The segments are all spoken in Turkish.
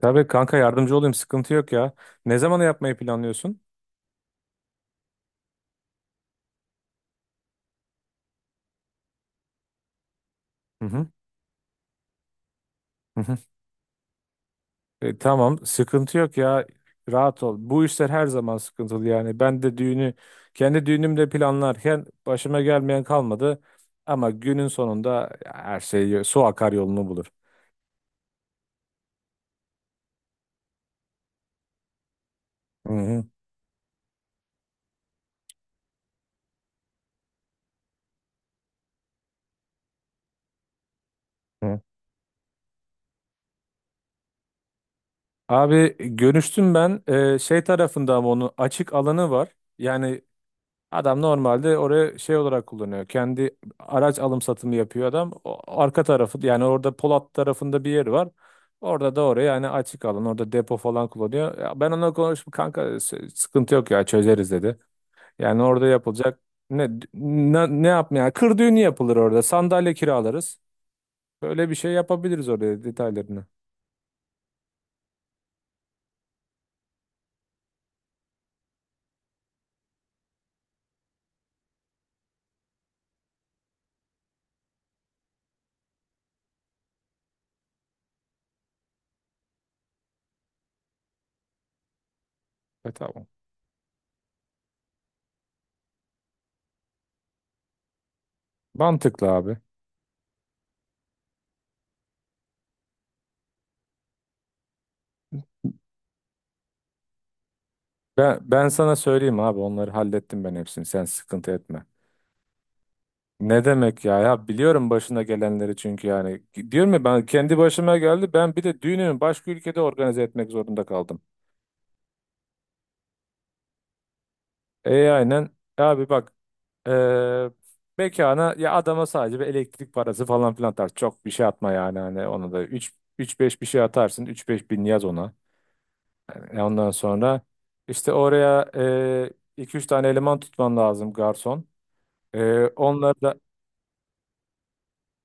Tabii kanka yardımcı olayım, sıkıntı yok ya. Ne zaman yapmayı planlıyorsun? Hı hı. Hı hı. E, tamam sıkıntı yok ya. Rahat ol. Bu işler her zaman sıkıntılı yani. Ben de düğünü kendi düğünümde planlarken başıma gelmeyen kalmadı. Ama günün sonunda her şey su akar yolunu bulur. Hı hı. Hı. Abi görüştüm ben. Şey tarafında ama onun açık alanı var. Yani. Adam normalde oraya şey olarak kullanıyor. Kendi araç alım satımı yapıyor adam. O arka tarafı yani, orada Polat tarafında bir yeri var. Orada da oraya yani açık alan, orada depo falan kullanıyor. Ya ben onunla konuştum kanka, sıkıntı yok ya, çözeriz dedi. Yani orada yapılacak ne yapmaya yani, kır düğünü yapılır orada, sandalye kiralarız. Böyle bir şey yapabiliriz oraya, detaylarını. E tamam. Mantıklı abi. Ben sana söyleyeyim abi, onları hallettim ben hepsini, sen sıkıntı etme. Ne demek ya? Ya biliyorum başına gelenleri, çünkü yani. Diyorum ya, ben kendi başıma geldi. Ben bir de düğünümü başka ülkede organize etmek zorunda kaldım. E aynen. Abi bak, eee mekana ya adama sadece bir elektrik parası falan filan atar. Çok bir şey atma yani, hani ona da üç beş bir şey atarsın. Üç beş bin yaz ona. Yani ondan sonra işte oraya 2-3 tane eleman tutman lazım, garson. Onları da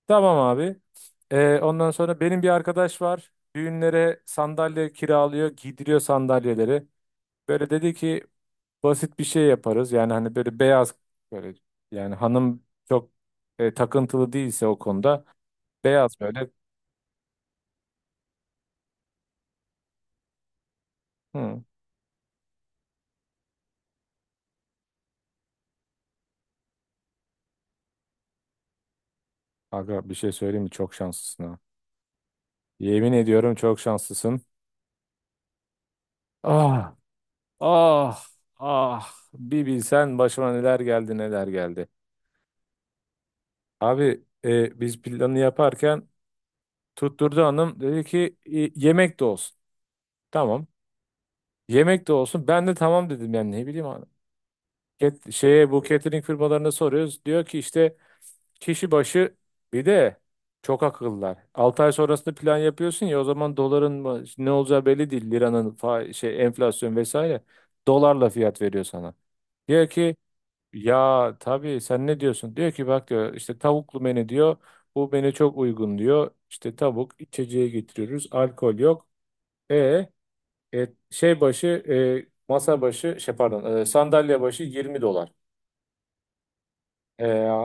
tamam abi. Ondan sonra benim bir arkadaş var. Düğünlere sandalye kiralıyor, giydiriyor sandalyeleri. Böyle dedi ki basit bir şey yaparız. Yani hani böyle beyaz, böyle, yani hanım çok takıntılı değilse o konuda, beyaz böyle. Hı. Aga bir şey söyleyeyim mi? Çok şanslısın ha. Yemin ediyorum çok şanslısın. Ah, ah, ah. Bir bilsen başıma neler geldi neler geldi. Abi biz planı yaparken tutturdu hanım. Dedi ki "E, yemek de olsun. Tamam. Yemek de olsun." Ben de tamam dedim, yani ne bileyim hanım. Şeye, bu catering firmalarına soruyoruz. Diyor ki işte kişi başı, bir de çok akıllılar. 6 ay sonrasında plan yapıyorsun ya, o zaman doların ne olacağı belli değil. Liranın şey, enflasyon vesaire. Dolarla fiyat veriyor sana. Diyor ki ya tabii sen ne diyorsun? Diyor ki bak diyor, işte tavuklu menü diyor. Bu menü çok uygun diyor. İşte tavuk, içeceği getiriyoruz, alkol yok. E, e, şey başı masa başı şey, pardon, sandalye başı 20 dolar. E ya,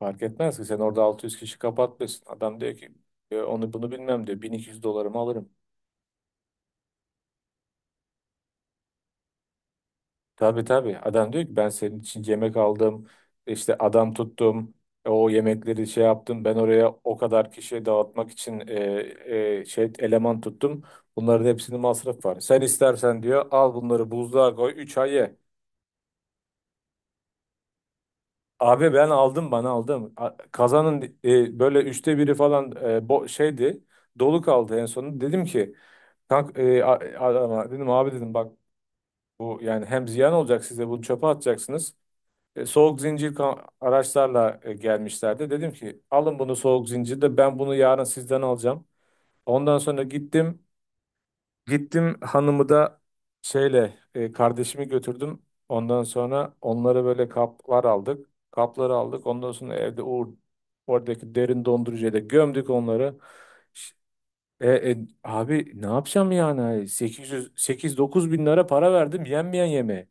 fark etmez ki sen orada 600 kişi kapatmışsın. Adam diyor ki onu bunu bilmem diyor, 1.200 dolarımı alırım. Tabii tabii, adam diyor ki ben senin için yemek aldım, işte adam tuttum, o yemekleri şey yaptım, ben oraya o kadar kişiye dağıtmak için şey eleman tuttum. Bunların hepsinin masraf var. Sen istersen diyor al bunları buzluğa koy 3 ay ye. Abi ben aldım, bana aldım. Kazanın böyle üçte biri falan bo şeydi. Dolu kaldı en sonunda. Dedim ki adama dedim, abi dedim bak, bu yani hem ziyan olacak, size bunu çöpe atacaksınız. Soğuk zincir araçlarla gelmişlerdi. Dedim ki alın bunu, soğuk zincirde ben bunu yarın sizden alacağım. Ondan sonra gittim. Hanımı da şeyle, kardeşimi götürdüm. Ondan sonra onlara böyle kaplar aldık. Kapları aldık. Ondan sonra evde o oradaki derin dondurucuya da gömdük onları. Ş- Abi ne yapacağım yani? 800 8-9 bin lira para verdim yenmeyen yemeği.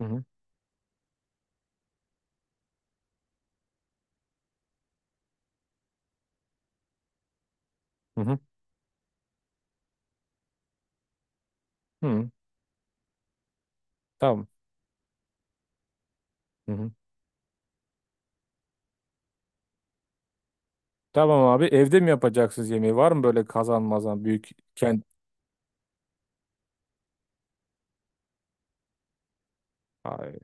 Hı hı, hı hı, hı. Tamam. Hı hı. Tamam abi, evde mi yapacaksınız yemeği? Var mı böyle kazanmazan büyük kent? Ay,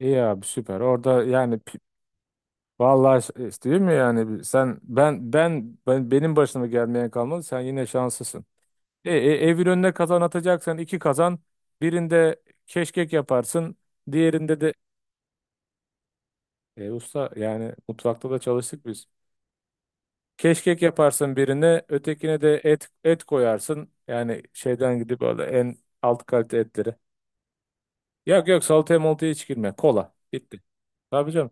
iyi abi süper. Orada yani, vallahi işte değil mi yani, sen benim başıma gelmeyen kalmadı, sen yine şanslısın. E, e, Evin önüne kazan atacaksan iki kazan, birinde keşkek yaparsın, diğerinde de usta yani, mutfakta da çalıştık biz. Keşkek yaparsın birine, ötekine de et koyarsın yani, şeyden gidip öyle en alt kalite etleri. Yok yok, salataya moltaya hiç girme, kola bitti. Tabii canım.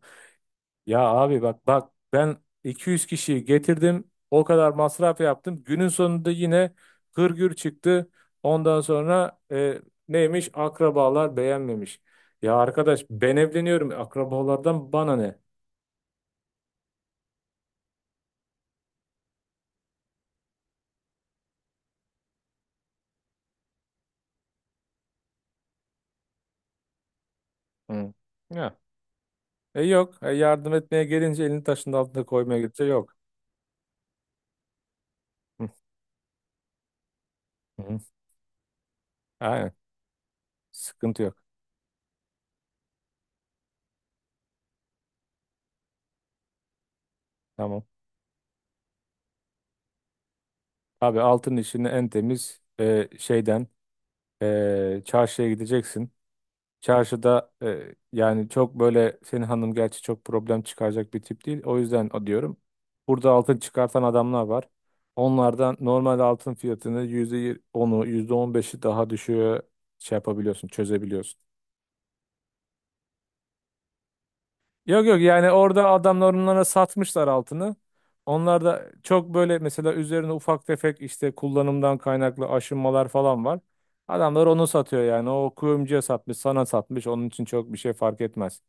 Ya abi bak bak, ben 200 kişiyi getirdim. O kadar masraf yaptım. Günün sonunda yine hırgür çıktı. Ondan sonra neymiş? Akrabalar beğenmemiş. Ya arkadaş, ben evleniyorum. Akrabalardan bana ne? Hı. Ya. E yok. Yardım etmeye gelince, elini taşın altına koymaya gidince yok. Hı. Hı. Aynen. Sıkıntı yok. Tamam. Abi altın işini en temiz şeyden, çarşıya gideceksin. Çarşıda yani, çok böyle senin hanım gerçi çok problem çıkaracak bir tip değil. O yüzden o diyorum. Burada altın çıkartan adamlar var. Onlardan normal altın fiyatını %10'u, %15'i daha düşüğe şey yapabiliyorsun, çözebiliyorsun. Yok yok, yani orada adamlar onlara satmışlar altını. Onlar da çok böyle mesela, üzerine ufak tefek işte kullanımdan kaynaklı aşınmalar falan var. Adamlar onu satıyor yani. O kuyumcuya satmış, sana satmış. Onun için çok bir şey fark etmez.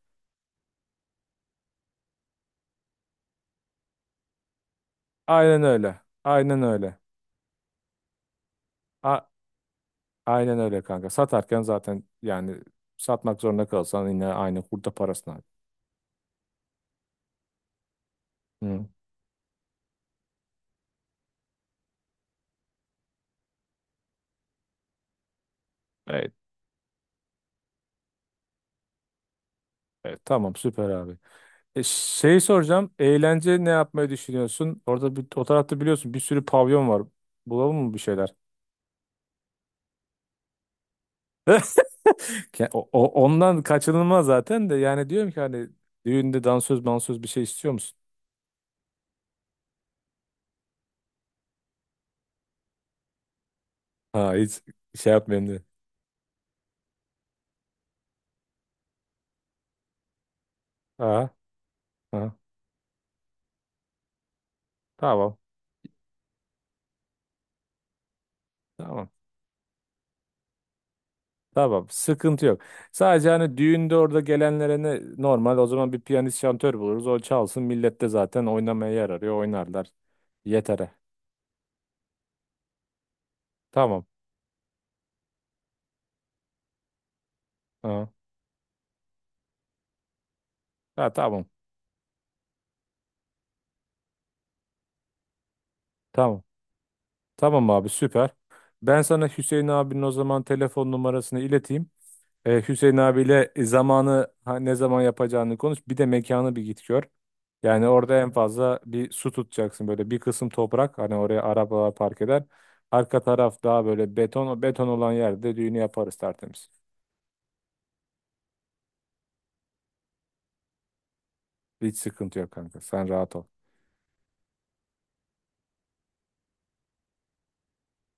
Aynen öyle. Aynen öyle. A aynen öyle kanka. Satarken zaten yani, satmak zorunda kalsan yine aynı kurda parasını al. Hı. Evet, evet. Tamam süper abi. Şey soracağım. Eğlence ne yapmayı düşünüyorsun? Orada bir, o tarafta biliyorsun bir sürü pavyon var. Bulalım mı bir şeyler? Ondan kaçınılmaz zaten de, yani diyorum ki hani, düğünde dansöz mansöz bir şey istiyor musun? Ha, hiç şey yapmayayım diye. Ha, ha. Tamam. Tamam. Tamam, sıkıntı yok. Sadece hani düğünde orada gelenlere ne normal, o zaman bir piyanist şantör buluruz. O çalsın, millet de zaten oynamaya yer arıyor, oynarlar. Yetere. Tamam. Ha. Ha, tamam. Tamam. Tamam abi süper. Ben sana Hüseyin abinin o zaman telefon numarasını ileteyim. Hüseyin abiyle zamanı, ha, ne zaman yapacağını konuş. Bir de mekanı bir git gör. Yani orada en fazla bir su tutacaksın, böyle bir kısım toprak hani oraya arabalar park eder. Arka taraf daha böyle beton. O beton olan yerde düğünü yaparız tertemiz. Hiç sıkıntı yok kanka. Sen rahat ol.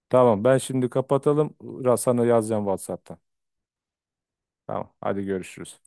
Tamam ben şimdi kapatalım. Sana yazacağım WhatsApp'tan. Tamam hadi görüşürüz.